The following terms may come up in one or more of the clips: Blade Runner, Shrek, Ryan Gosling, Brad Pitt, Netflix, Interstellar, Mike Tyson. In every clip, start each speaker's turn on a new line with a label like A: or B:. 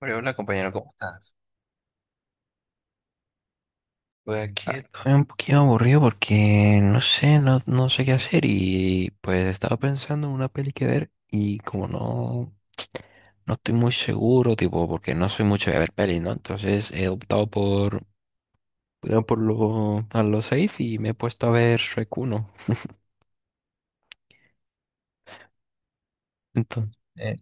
A: Hola, hola, compañero, ¿cómo estás? Pues aquí. Estoy un poquito aburrido porque no sé, no sé qué hacer y pues estaba pensando en una peli que ver y como no, no estoy muy seguro, tipo, porque no soy mucho de ver pelis, ¿no? Entonces he optado por lo, a lo safe y me he puesto a ver Shrek uno. Entonces,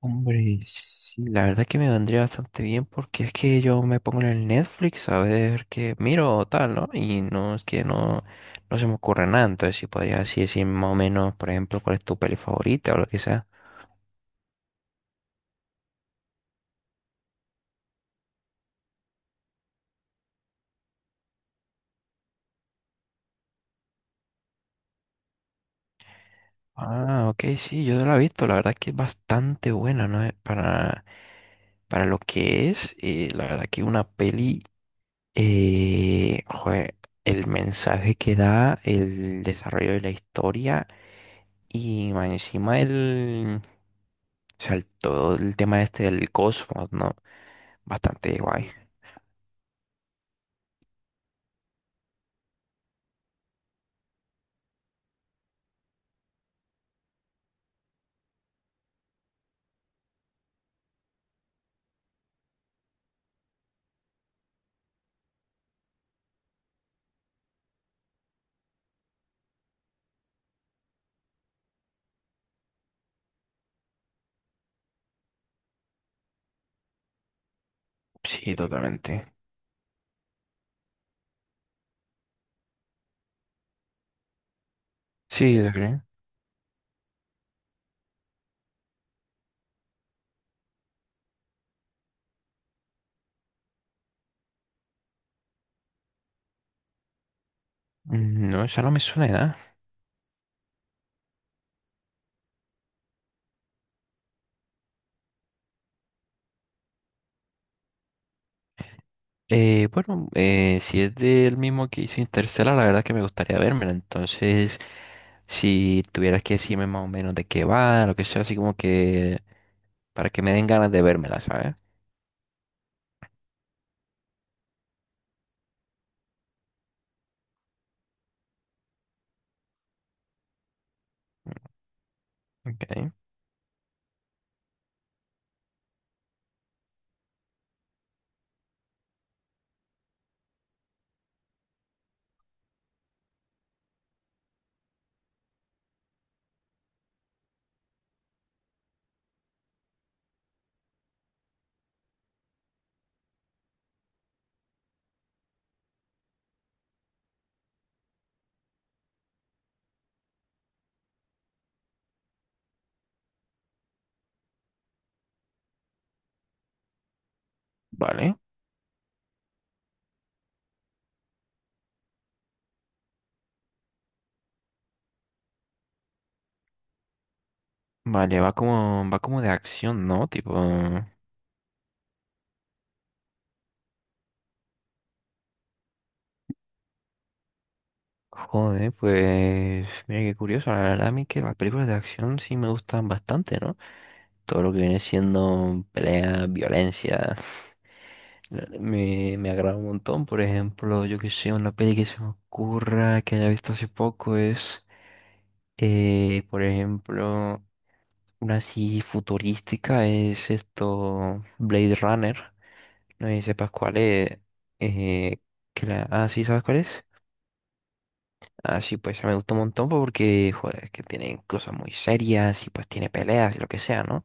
A: hombre, sí, la verdad que me vendría bastante bien porque es que yo me pongo en el Netflix a ver qué miro o tal, ¿no? Y no es que no, no se me ocurre nada, entonces si podría así decir más o menos, por ejemplo, cuál es tu peli favorita o lo que sea. Ah, ok, sí, yo la he visto, la verdad que es bastante buena, ¿no? Para lo que es, la verdad que una peli. Eh, jue- el mensaje que da, el desarrollo de la historia y más encima el, o sea, todo el tema este del cosmos, ¿no? Bastante guay. Sí, totalmente. Sí, lo creo. Mm, no, esa no me suena de nada. Bueno, si es del mismo que hizo Interstellar, la verdad que me gustaría vérmela. Entonces, si tuvieras que decirme más o menos de qué va, lo que sea, así como que para que me den ganas de vérmela, ¿sabes? Ok. Vale, vale, va como de acción, ¿no? Tipo, joder, pues mira qué curioso, la verdad a mí que las películas de acción sí me gustan bastante, ¿no? Todo lo que viene siendo pelea, violencia, me, me agrada un montón, por ejemplo, yo que sé, una peli que se me ocurra, que haya visto hace poco es, por ejemplo, una así futurística es esto, Blade Runner. No sé si sepas cuál es. eh, que la... Ah, sí, ¿sabes cuál es? Ah, sí, pues me gustó un montón porque, joder, es que tienen cosas muy serias y pues tiene peleas y lo que sea, ¿no?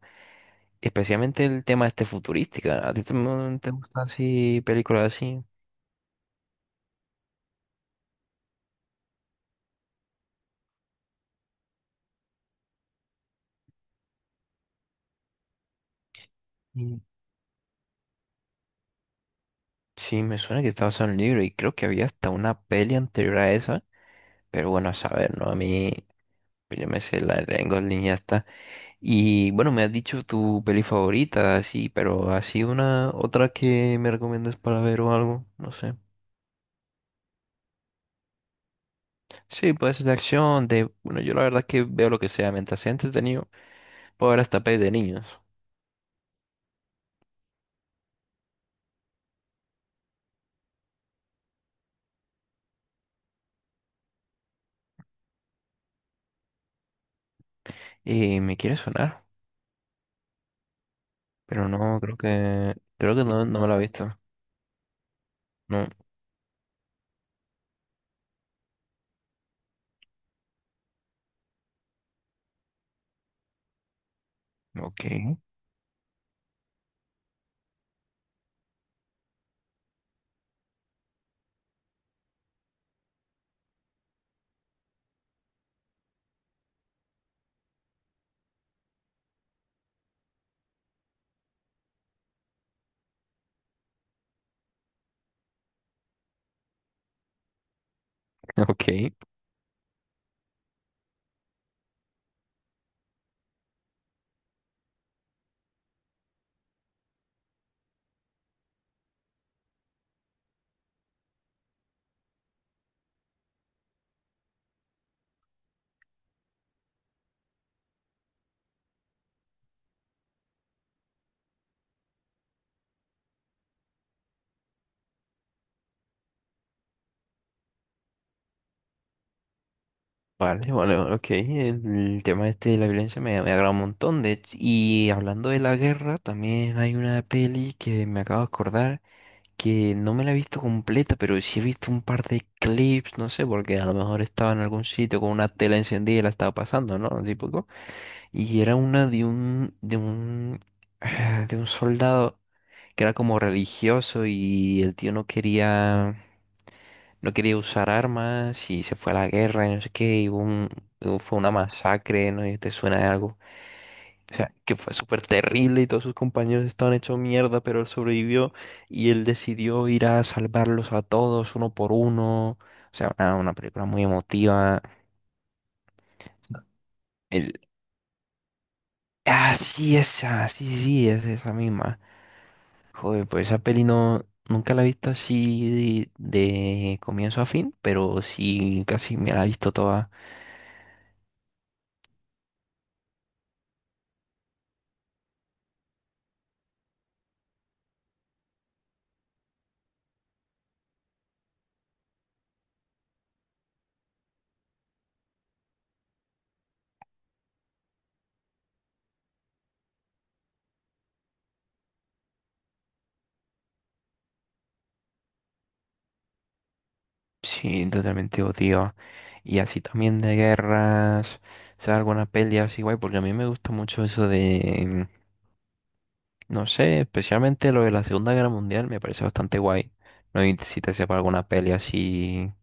A: Especialmente el tema este futurística. ¿A ti también te gustan así películas así? Mm. Sí, me suena que estaba basado en un libro y creo que había hasta una peli anterior a esa. Pero bueno, a saber, ¿no? A mí, yo me sé la de Ryan Gosling y ya está. Y bueno, me has dicho tu peli favorita, sí, pero así una otra que me recomiendas para ver o algo, no sé. Sí, puede ser de acción, de, bueno, yo la verdad es que veo lo que sea, mientras sea entretenido, puedo ver hasta pelis de niños. Y me quiere sonar, pero no, creo que no, no me la he visto. No. Ok, ok, vale, vale, vale, ok. El, tema este de la violencia me, me agrada un montón. De hecho, y hablando de la guerra, también hay una peli que me acabo de acordar que no me la he visto completa, pero sí he visto un par de clips, no sé, porque a lo mejor estaba en algún sitio con una tela encendida y la estaba pasando, ¿no? Típico. Y era una de un, de un soldado que era como religioso y el tío no quería, no quería usar armas y se fue a la guerra y no sé qué, y fue una masacre, ¿no? ¿Y te suena de algo? sea, que fue súper terrible y todos sus compañeros estaban hechos mierda, pero él sobrevivió y él decidió ir a salvarlos a todos uno por uno. O sea, una película muy emotiva. El, ah, sí, esa, sí, sí, sí, es esa misma. Joder, pues esa peli no, nunca la he visto así de comienzo a fin, pero sí, casi me la he visto toda. Sí, totalmente odio. Y así también de guerras, o sea, alguna peli así guay, porque a mí me gusta mucho eso de. No sé, especialmente lo de la Segunda Guerra Mundial me parece bastante guay. No sé si te sepa alguna peli así.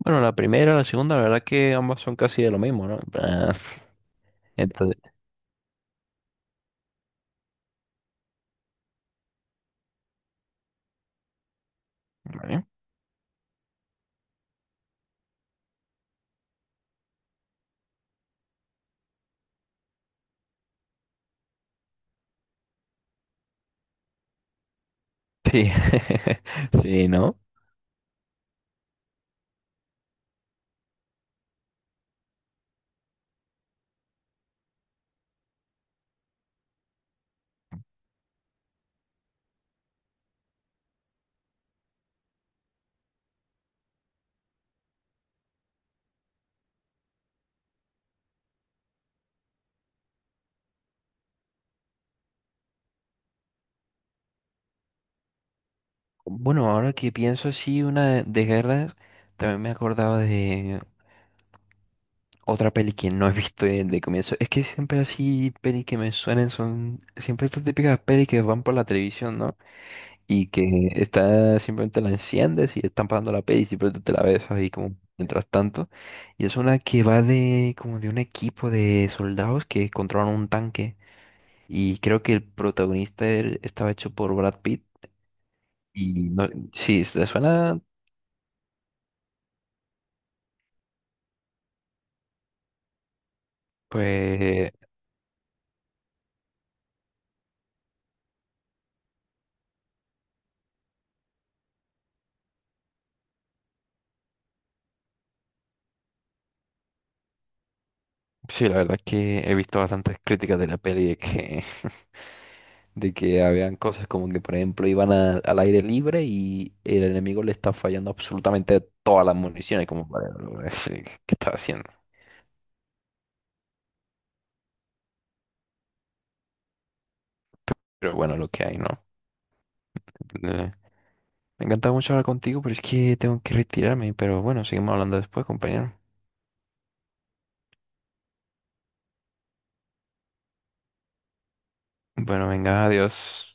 A: Bueno, la primera, la segunda, la verdad que ambas son casi de lo mismo, ¿no? En plan, entonces, vale. Sí, sí, ¿no? Bueno, ahora que pienso así, una de guerras, también me acordaba de otra peli que no he visto de, comienzo. Es que siempre así, peli que me suenen son siempre estas típicas pelis que van por la televisión, ¿no? Y que está simplemente la enciendes y están pasando la peli y simplemente te la ves ahí como mientras tanto. Y es una que va de como de un equipo de soldados que controlan un tanque y creo que el protagonista estaba hecho por Brad Pitt y no, sí, le suena pues. Sí, la verdad es que he visto bastantes críticas de la peli de que, de que habían cosas como que, por ejemplo, iban al aire libre y el enemigo le está fallando absolutamente todas las municiones, como para qué está haciendo. Pero bueno, lo que hay, ¿no? Eh, Me encanta mucho hablar contigo, pero es que tengo que retirarme. Pero bueno, seguimos hablando después, compañero. Bueno, venga, adiós.